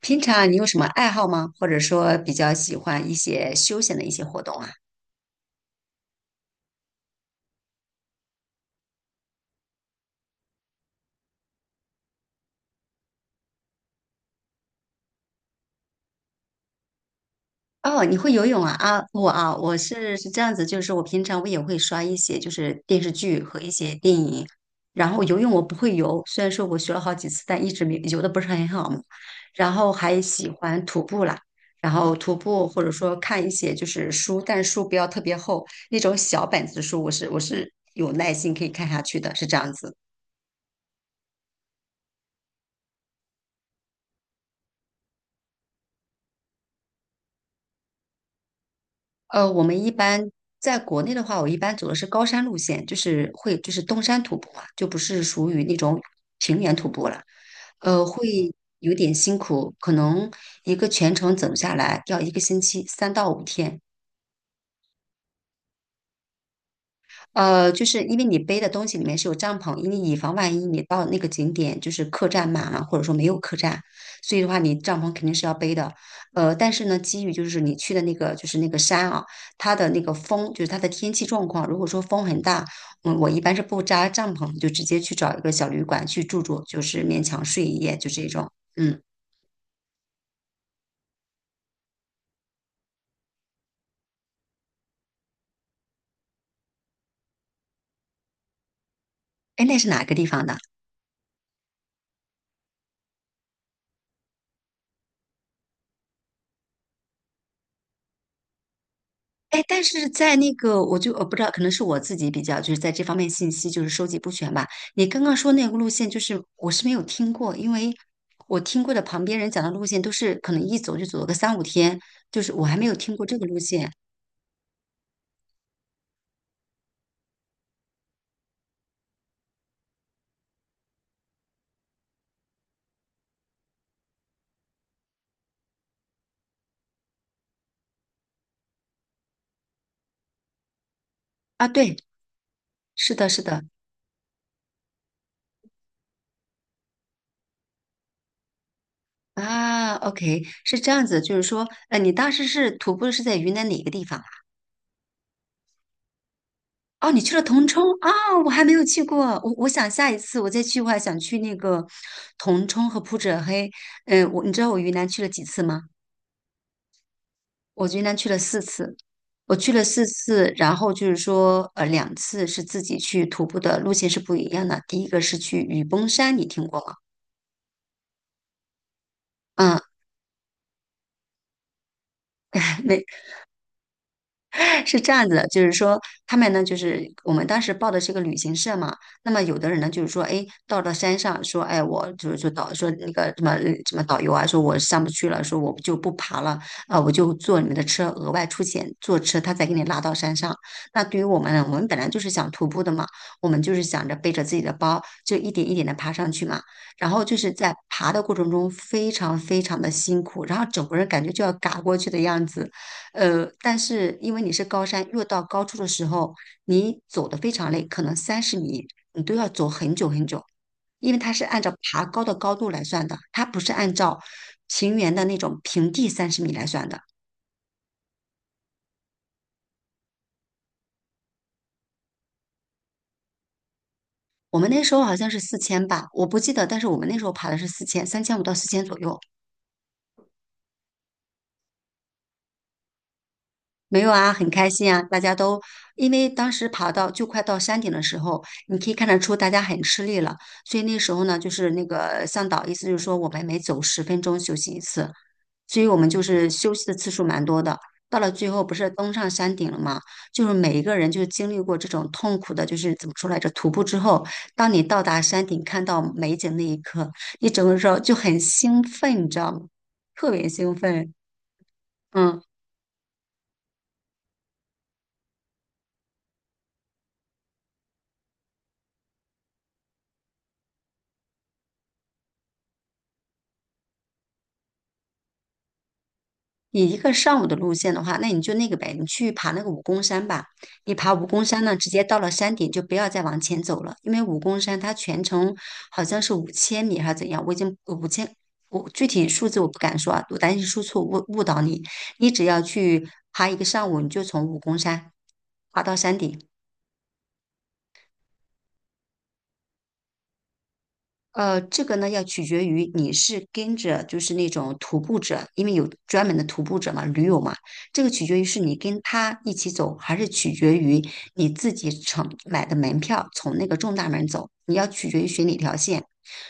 平常你有什么爱好吗？或者说比较喜欢一些休闲的一些活动啊？哦，你会游泳啊？啊，我啊，我是这样子，就是我平常我也会刷一些就是电视剧和一些电影，然后游泳我不会游，虽然说我学了好几次，但一直没游的不是很好嘛。然后还喜欢徒步啦，然后徒步或者说看一些就是书，但是书不要特别厚，那种小本子书，我是有耐心可以看下去的，是这样子。我们一般在国内的话，我一般走的是高山路线，就是会就是登山徒步嘛，就不是属于那种平原徒步了，会有点辛苦，可能一个全程走下来要一个星期，3到5天。就是因为你背的东西里面是有帐篷，因为以防万一你到那个景点就是客栈满了，或者说没有客栈，所以的话你帐篷肯定是要背的。但是呢，基于就是你去的那个山啊，它的那个风就是它的天气状况，如果说风很大，嗯，我一般是不扎帐篷，就直接去找一个小旅馆去住住，就是勉强睡一夜，就这种。嗯，哎，那是哪个地方的？哎，但是在那个，我不知道，可能是我自己比较就是在这方面信息就是收集不全吧。你刚刚说那个路线，就是我是没有听过，因为我听过的旁边人讲的路线都是可能一走就走了个三五天，就是我还没有听过这个路线啊。对，是的，是的啊。OK，是这样子，就是说，你当时是徒步是在云南哪个地方？哦，你去了铜冲啊，我还没有去过。我想下一次我再去，我还想去那个铜冲和普者黑。嗯，我你知道我云南去了几次吗？我云南去了四次，我去了四次，然后就是说，2次是自己去徒步的，路线是不一样的。第一个是去雨崩山，你听过吗？嗯，没。是这样子的，就是说他们呢，就是我们当时报的是个旅行社嘛，那么有的人呢，就是说，哎，到了山上说，哎，我就是说那个什么导游啊，说我上不去了，说我就不爬了，啊、我就坐你们的车，额外出钱坐车，他再给你拉到山上。那对于我们呢，我们本来就是想徒步的嘛，我们就是想着背着自己的包，就一点一点的爬上去嘛。然后就是在爬的过程中非常非常的辛苦，然后整个人感觉就要嘎过去的样子。但是因为你是高山，越到高处的时候，你走的非常累，可能三十米你都要走很久很久，因为它是按照爬高的高度来算的，它不是按照平原的那种平地三十米来算的。我们那时候好像是四千吧，我不记得，但是我们那时候爬的是四千，3500到四千左右。没有啊，很开心啊！大家都因为当时爬到就快到山顶的时候，你可以看得出大家很吃力了，所以那时候呢，就是那个向导意思就是说我们每走10分钟休息一次，所以我们就是休息的次数蛮多的。到了最后不是登上山顶了吗？就是每一个人就经历过这种痛苦的，就是怎么说来着，徒步之后，当你到达山顶看到美景那一刻，你整个时候就很兴奋，你知道吗？特别兴奋，嗯。你一个上午的路线的话，那你就那个呗，你去爬那个武功山吧。你爬武功山呢，直接到了山顶就不要再往前走了，因为武功山它全程好像是5000米还是怎样，我已经五千，我具体数字我不敢说啊，我担心说错误误导你。你只要去爬一个上午，你就从武功山爬到山顶。这个呢要取决于你是跟着就是那种徒步者，因为有专门的徒步者嘛，驴友嘛，这个取决于是你跟他一起走，还是取决于你自己乘买的门票从那个正大门走，你要取决于选哪条线。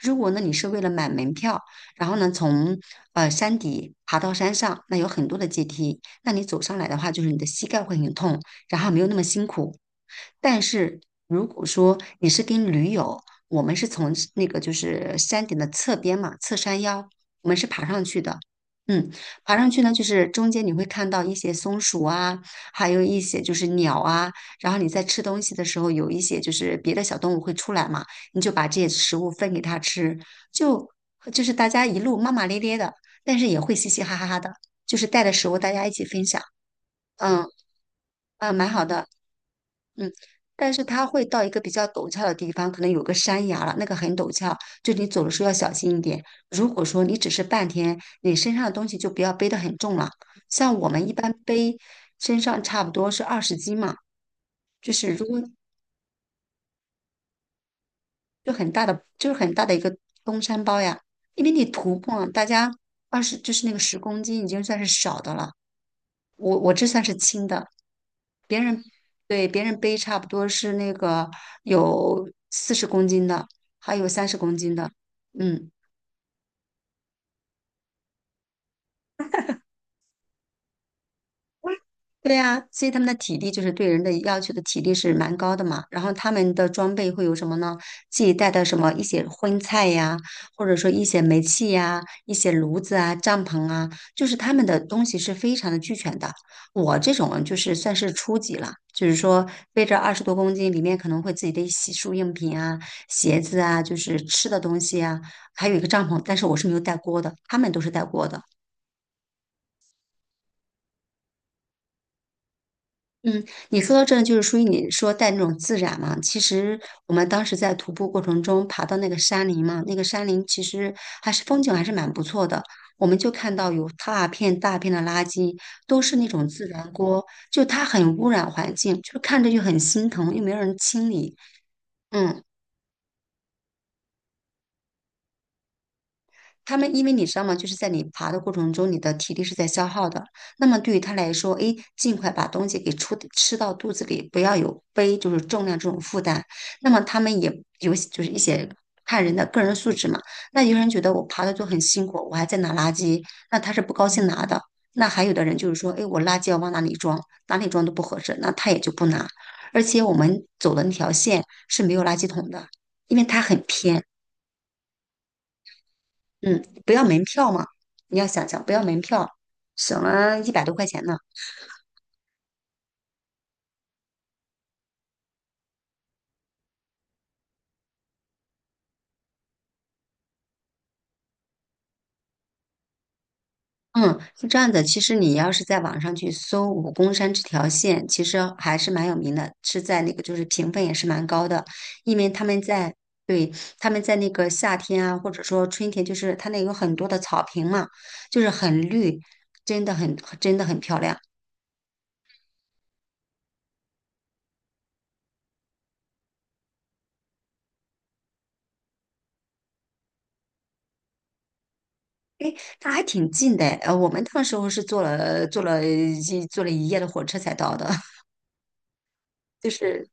如果呢你是为了买门票，然后呢从山底爬到山上，那有很多的阶梯，那你走上来的话，就是你的膝盖会很痛，然后没有那么辛苦。但是如果说你是跟驴友，我们是从那个就是山顶的侧边嘛，侧山腰，我们是爬上去的。嗯，爬上去呢，就是中间你会看到一些松鼠啊，还有一些就是鸟啊。然后你在吃东西的时候，有一些就是别的小动物会出来嘛，你就把这些食物分给它吃，就就是大家一路骂骂咧咧的，但是也会嘻嘻哈哈的，就是带着食物大家一起分享。嗯，嗯，蛮好的。嗯，但是它会到一个比较陡峭的地方，可能有个山崖了，那个很陡峭，就你走的时候要小心一点。如果说你只是半天，你身上的东西就不要背得很重了。像我们一般背身上差不多是20斤嘛，就是如果就很大的，就是很大的一个登山包呀，因为你徒步啊，大家二十就是那个十公斤已经算是少的了，我这算是轻的，别人对别人背差不多是那个有40公斤的，还有30公斤的，嗯。对呀，所以他们的体力就是对人的要求的体力是蛮高的嘛。然后他们的装备会有什么呢？自己带的什么一些荤菜呀，或者说一些煤气呀、一些炉子啊、帐篷啊，就是他们的东西是非常的俱全的。我这种啊就是算是初级了，就是说背着20多公斤，里面可能会自己的洗漱用品啊、鞋子啊，就是吃的东西啊，还有一个帐篷，但是我是没有带锅的，他们都是带锅的。嗯，你说到这个就是属于你说带那种自然嘛。其实我们当时在徒步过程中爬到那个山林嘛，那个山林其实还是风景还是蛮不错的。我们就看到有大片大片的垃圾，都是那种自然锅，就它很污染环境，就是看着就很心疼，又没有人清理。嗯。他们因为你知道吗？就是在你爬的过程中，你的体力是在消耗的。那么对于他来说，诶，尽快把东西给出吃到肚子里，不要有背就是重量这种负担。那么他们也有就是一些看人的个人素质嘛。那有人觉得我爬的就很辛苦，我还在拿垃圾，那他是不高兴拿的。那还有的人就是说，诶，我垃圾要往哪里装，哪里装都不合适，那他也就不拿。而且我们走的那条线是没有垃圾桶的，因为它很偏。嗯，不要门票嘛，你要想想不要门票，省了100多块钱呢。嗯，是这样的，其实你要是在网上去搜武功山这条线，其实还是蛮有名的，是在那个就是评分也是蛮高的，因为他们在对他们在那个夏天啊，或者说春天，就是它那有很多的草坪嘛，就是很绿，真的很漂亮。它还挺近的，我们那时候是坐了一夜的火车才到的，就是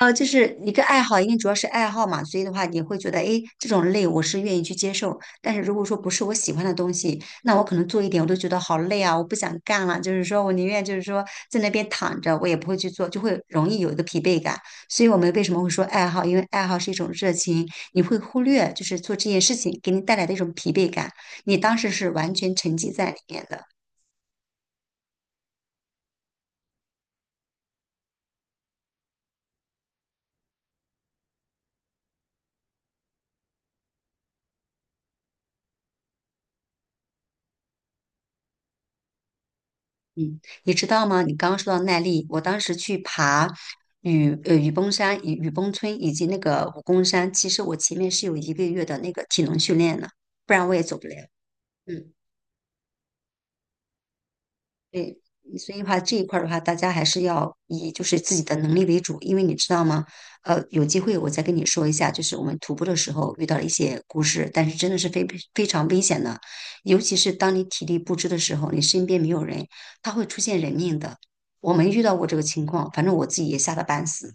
就是一个爱好，因为主要是爱好嘛，所以的话，你会觉得，哎，这种累我是愿意去接受。但是如果说不是我喜欢的东西，那我可能做一点我都觉得好累啊，我不想干了。就是说我宁愿就是说在那边躺着，我也不会去做，就会容易有一个疲惫感。所以我们为什么会说爱好？因为爱好是一种热情，你会忽略就是做这件事情给你带来的一种疲惫感，你当时是完全沉浸在里面的。嗯，你知道吗？你刚刚说到耐力，我当时去爬雨崩山、雨崩村以及那个武功山，其实我前面是有一个月的那个体能训练的，不然我也走不了。嗯。所以的话，这一块儿的话，大家还是要以就是自己的能力为主，因为你知道吗？有机会我再跟你说一下，就是我们徒步的时候遇到了一些故事，但是真的是非常危险的，尤其是当你体力不支的时候，你身边没有人，它会出现人命的。我没遇到过这个情况，反正我自己也吓得半死。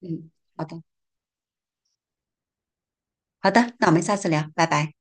嗯，好的，好的，那我们下次聊，拜拜。